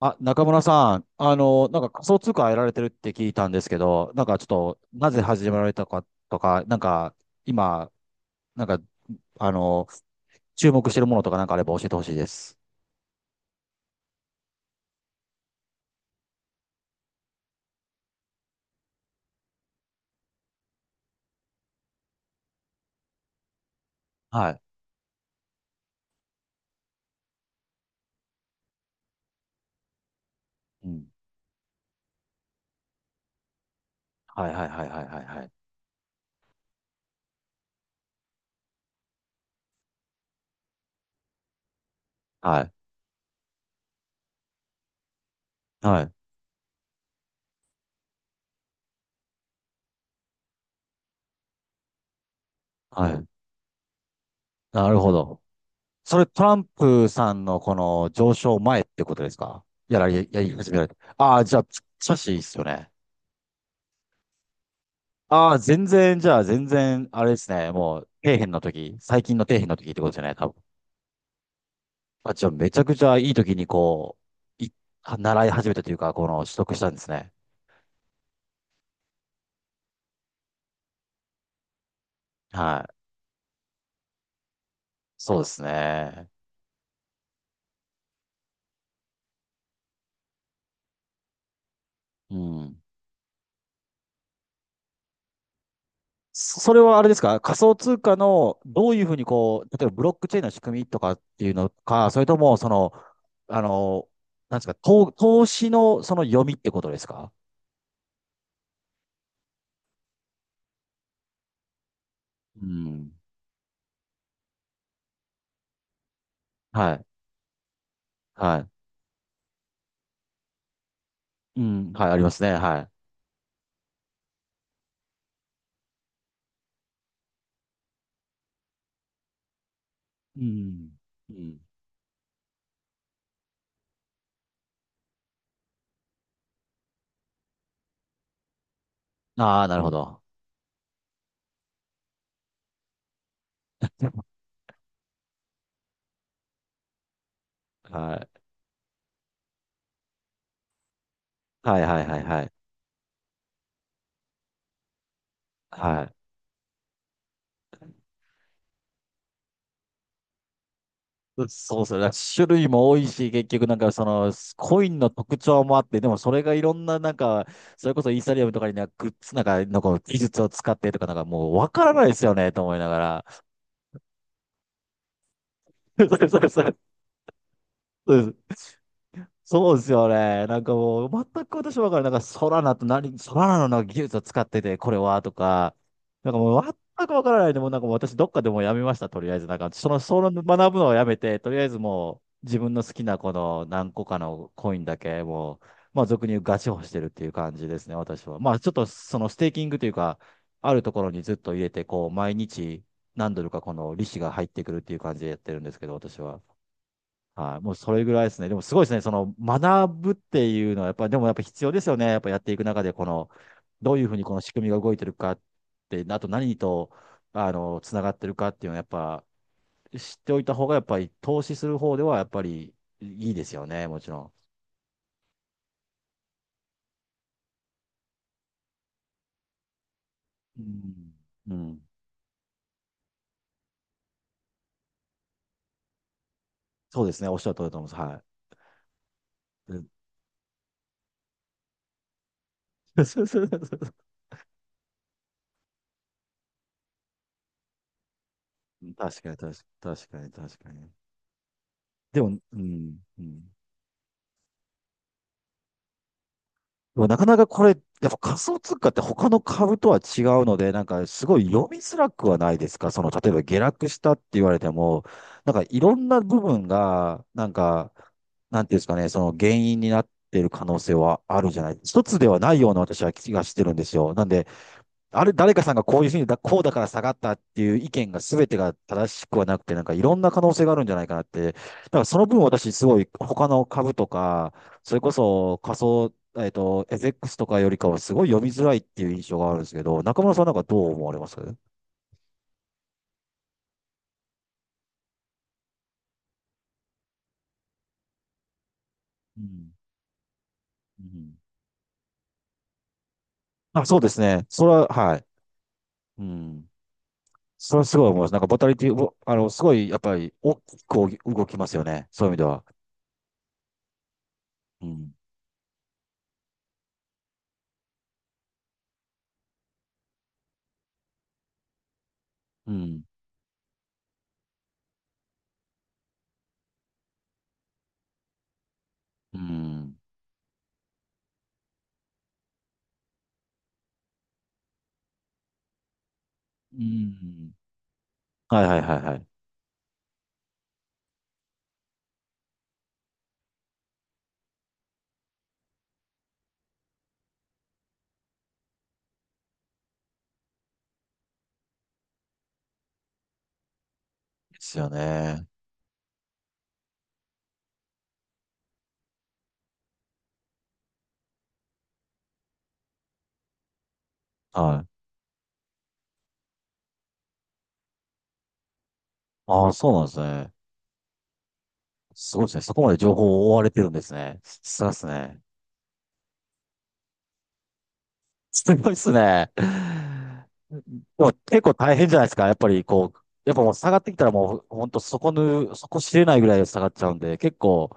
あ、中村さん、なんか仮想通貨やられてるって聞いたんですけど、なんかちょっと、なぜ始められたかとか、なんか、今、なんか、あの、注目してるものとかなんかあれば教えてほしいです。はい。うん。はいはいはいはいはいはい。はい。はい。はい。なるほど。それ、トランプさんのこの上昇前ってことですか？やり始められて。ああ、じゃあ、しいいっすよね。ああ、全然、じゃあ、全然、あれですね。もう、底辺の時、最近の底辺の時ってことじゃない、多あ、じゃあめちゃくちゃいい時にう、い、習い始めたというか、この取得したんですね。はい。そうですね。うん。それはあれですか？仮想通貨のどういうふうにこう、例えばブロックチェーンの仕組みとかっていうのか、それともあの、なんですか、投資のその読みってことですか？うん。はい。はい。うん。はい、ありますね。はい。うん。うん。ああ、なるほど。はい。はいはいはいはい。はい。う、そうそう。だから種類も多いし、結局なんかその、コインの特徴もあって、でもそれがいろんななんか、それこそイーサリアムとかになんかグッズなんか、なんか技術を使ってとかなんかもうわからないですよね、と思いながら。そうそうそう。そうですよね。なんかもう、全く私わからない。なんか、ソラナと何、ソラナのなんか技術を使ってて、これは、とか、なんかもう、全くわからないで、もうなんかもう私、どっかでもうやめました、とりあえず。なんか、その学ぶのをやめて、とりあえずもう、自分の好きなこの何個かのコインだけ、もう、まあ、俗に言うガチホしてるっていう感じですね、私は。まあ、ちょっと、そのステーキングというか、あるところにずっと入れて、こう、毎日、何ドルかこの利子が入ってくるっていう感じでやってるんですけど、私は。はい、もうそれぐらいですね。でもすごいですね。その学ぶっていうのは、やっぱ、でもやっぱ必要ですよね。やっぱやっていく中で、この、どういうふうにこの仕組みが動いてるかって、あと何と、つながってるかっていうのは、やっぱ、知っておいた方が、やっぱり投資する方では、やっぱりいいですよね。もちろうん。うん。うん。そうですね。おっしゃる通りだと思います。はい。うん。 確かに、確かに、確かに、確かに。でも、うん、うん。でもなかなかこれ、やっぱ仮想通貨って他の株とは違うので、なんかすごい読みづらくはないですか？その、例えば下落したって言われても、なんかいろんな部分が、なんか、なんていうんですかね、その原因になっている可能性はあるじゃない。一つではないような私は気がしてるんですよ。なんで、あれ、誰かさんがこういうふうにだ、こうだから下がったっていう意見が全てが正しくはなくて、なんかいろんな可能性があるんじゃないかなって。だからその分私すごい他の株とか、それこそ仮想、えっと、エフエックスとかよりかはすごい読みづらいっていう印象があるんですけど、中村さんなんかどう思われます？うん。うん。あ、そうですね。それは、はい。うん。それはすごい思います。なんかボタリティ、ぼあの、すごいやっぱり大きく動きますよね。そういう意味では。うん。うん。うん。うん。はいはいはいはい。ですよね。はい。ああ、そうなんですね。すごいですね。そこまで情報を追われてるんですね。すごいですね。すごいですね。でも結構大変じゃないですか。やっぱりこう、やっぱもう下がってきたらもう本当そこ知れないぐらい下がっちゃうんで、結構、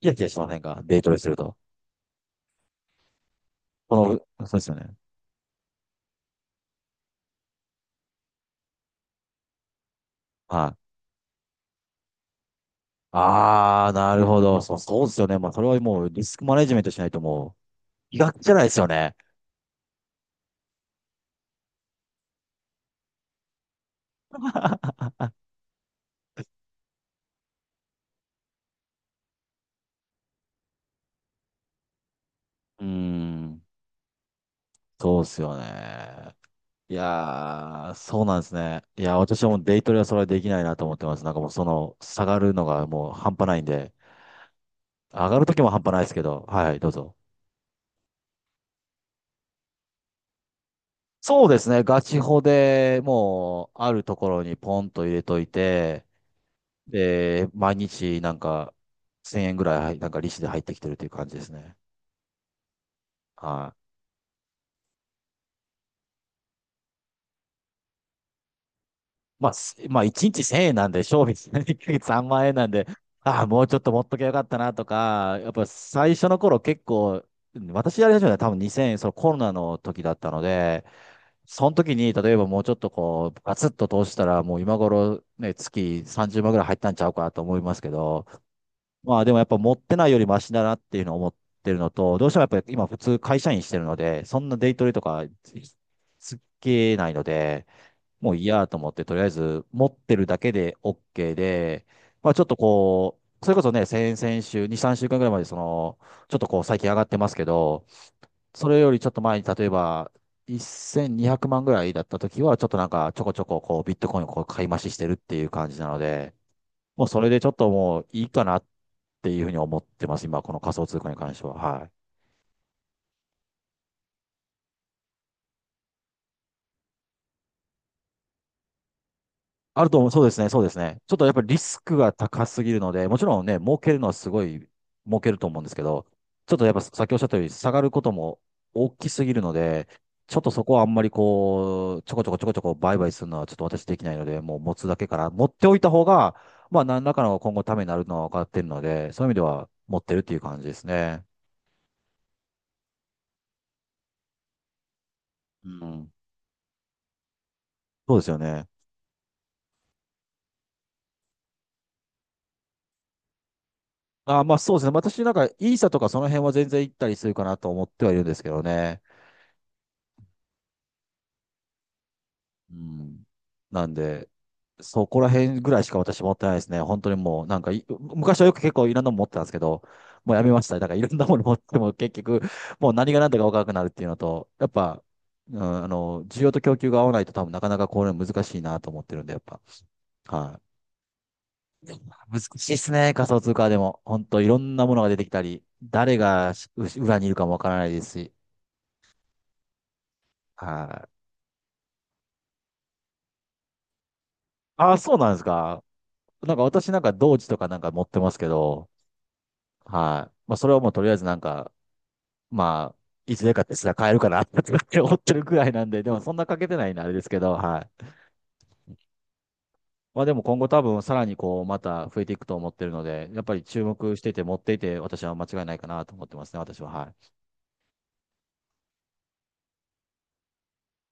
キヤキヤしませんか？デイトレすると。この、そうですよね。はい。ああ、なるほど。そう、そうですよね。まあ、それはもうリスクマネジメントしないともう、医学じゃないですよね。うーん、そうですよね。いやー、そうなんですね。いや、私はもうデイトレはそれはできないなと思ってます。なんかもうその、下がるのがもう半端ないんで、上がるときも半端ないですけど、はい、どうぞ。そうですね、ガチホでもう、あるところにポンと入れといて、で、毎日なんか、1000円ぐらい、なんか利子で入ってきてるという感じですね。はい。まあ、1日1000円なんで、賞味1ヶ月3万円なんで、ああ、もうちょっと持っときゃよかったなとか、やっぱ最初の頃結構、私やり始めたのは多分2000円、そのコロナの時だったので、その時に、例えばもうちょっとこう、ガツッと投資したら、もう今頃ね、月30万ぐらい入ったんちゃうかなと思いますけど、まあでもやっぱ持ってないよりマシだなっていうのを思ってるのと、どうしてもやっぱり今普通会社員してるので、そんなデイトレとかつけないので、もういいやと思って、とりあえず持ってるだけで OK で、まあちょっとこう、それこそね、先々週、に3週間ぐらいまで、その、ちょっとこう最近上がってますけど、それよりちょっと前に例えば、1200万ぐらいだった時は、ちょっとなんかちょこちょここうビットコインをこう買い増ししてるっていう感じなので、もうそれでちょっともういいかなっていうふうに思ってます、今、この仮想通貨に関しては。はい。あると思う。そうですね、そうですね。ちょっとやっぱりリスクが高すぎるので、もちろんね、儲けるのはすごい儲けると思うんですけど、ちょっとやっぱさっきおっしゃったように下がることも大きすぎるので、ちょっとそこはあんまりこう、ちょこちょこちょこちょこ売買するのはちょっと私できないので、もう持つだけから、持っておいた方が、まあ何らかの今後ためになるのは分かってるので、そういう意味では持ってるっていう感じですね。うん。そうですよね。あ、まあそうですね。私なんかイーサとかその辺は全然行ったりするかなと思ってはいるんですけどね。うん。なんで、そこら辺ぐらいしか私持ってないですね。本当にもう、なんかい、昔はよく結構いろんなもの持ってたんですけど、もうやめました。だからいろんなもの持っても結局、もう何が何だか分からなくなるっていうのと、やっぱ、うん、需要と供給が合わないと多分なかなかこれ難しいなと思ってるんで、やっぱ。はい。難しいですね、仮想通貨でも。本当いろんなものが出てきたり、誰が裏にいるかもわからないですし。はい。ああ、そうなんですか。なんか私なんか同時とかなんか持ってますけど、はい。まあ、それはもうとりあえずなんか、まあ、いつでかってすら買えるかなって思ってるくらいなんで、でもそんなかけてないんであれですけど、はい。まあでも今後多分さらにこう、また増えていくと思ってるので、やっぱり注目してて持っていて、私は間違いないかなと思ってますね、私は。はい。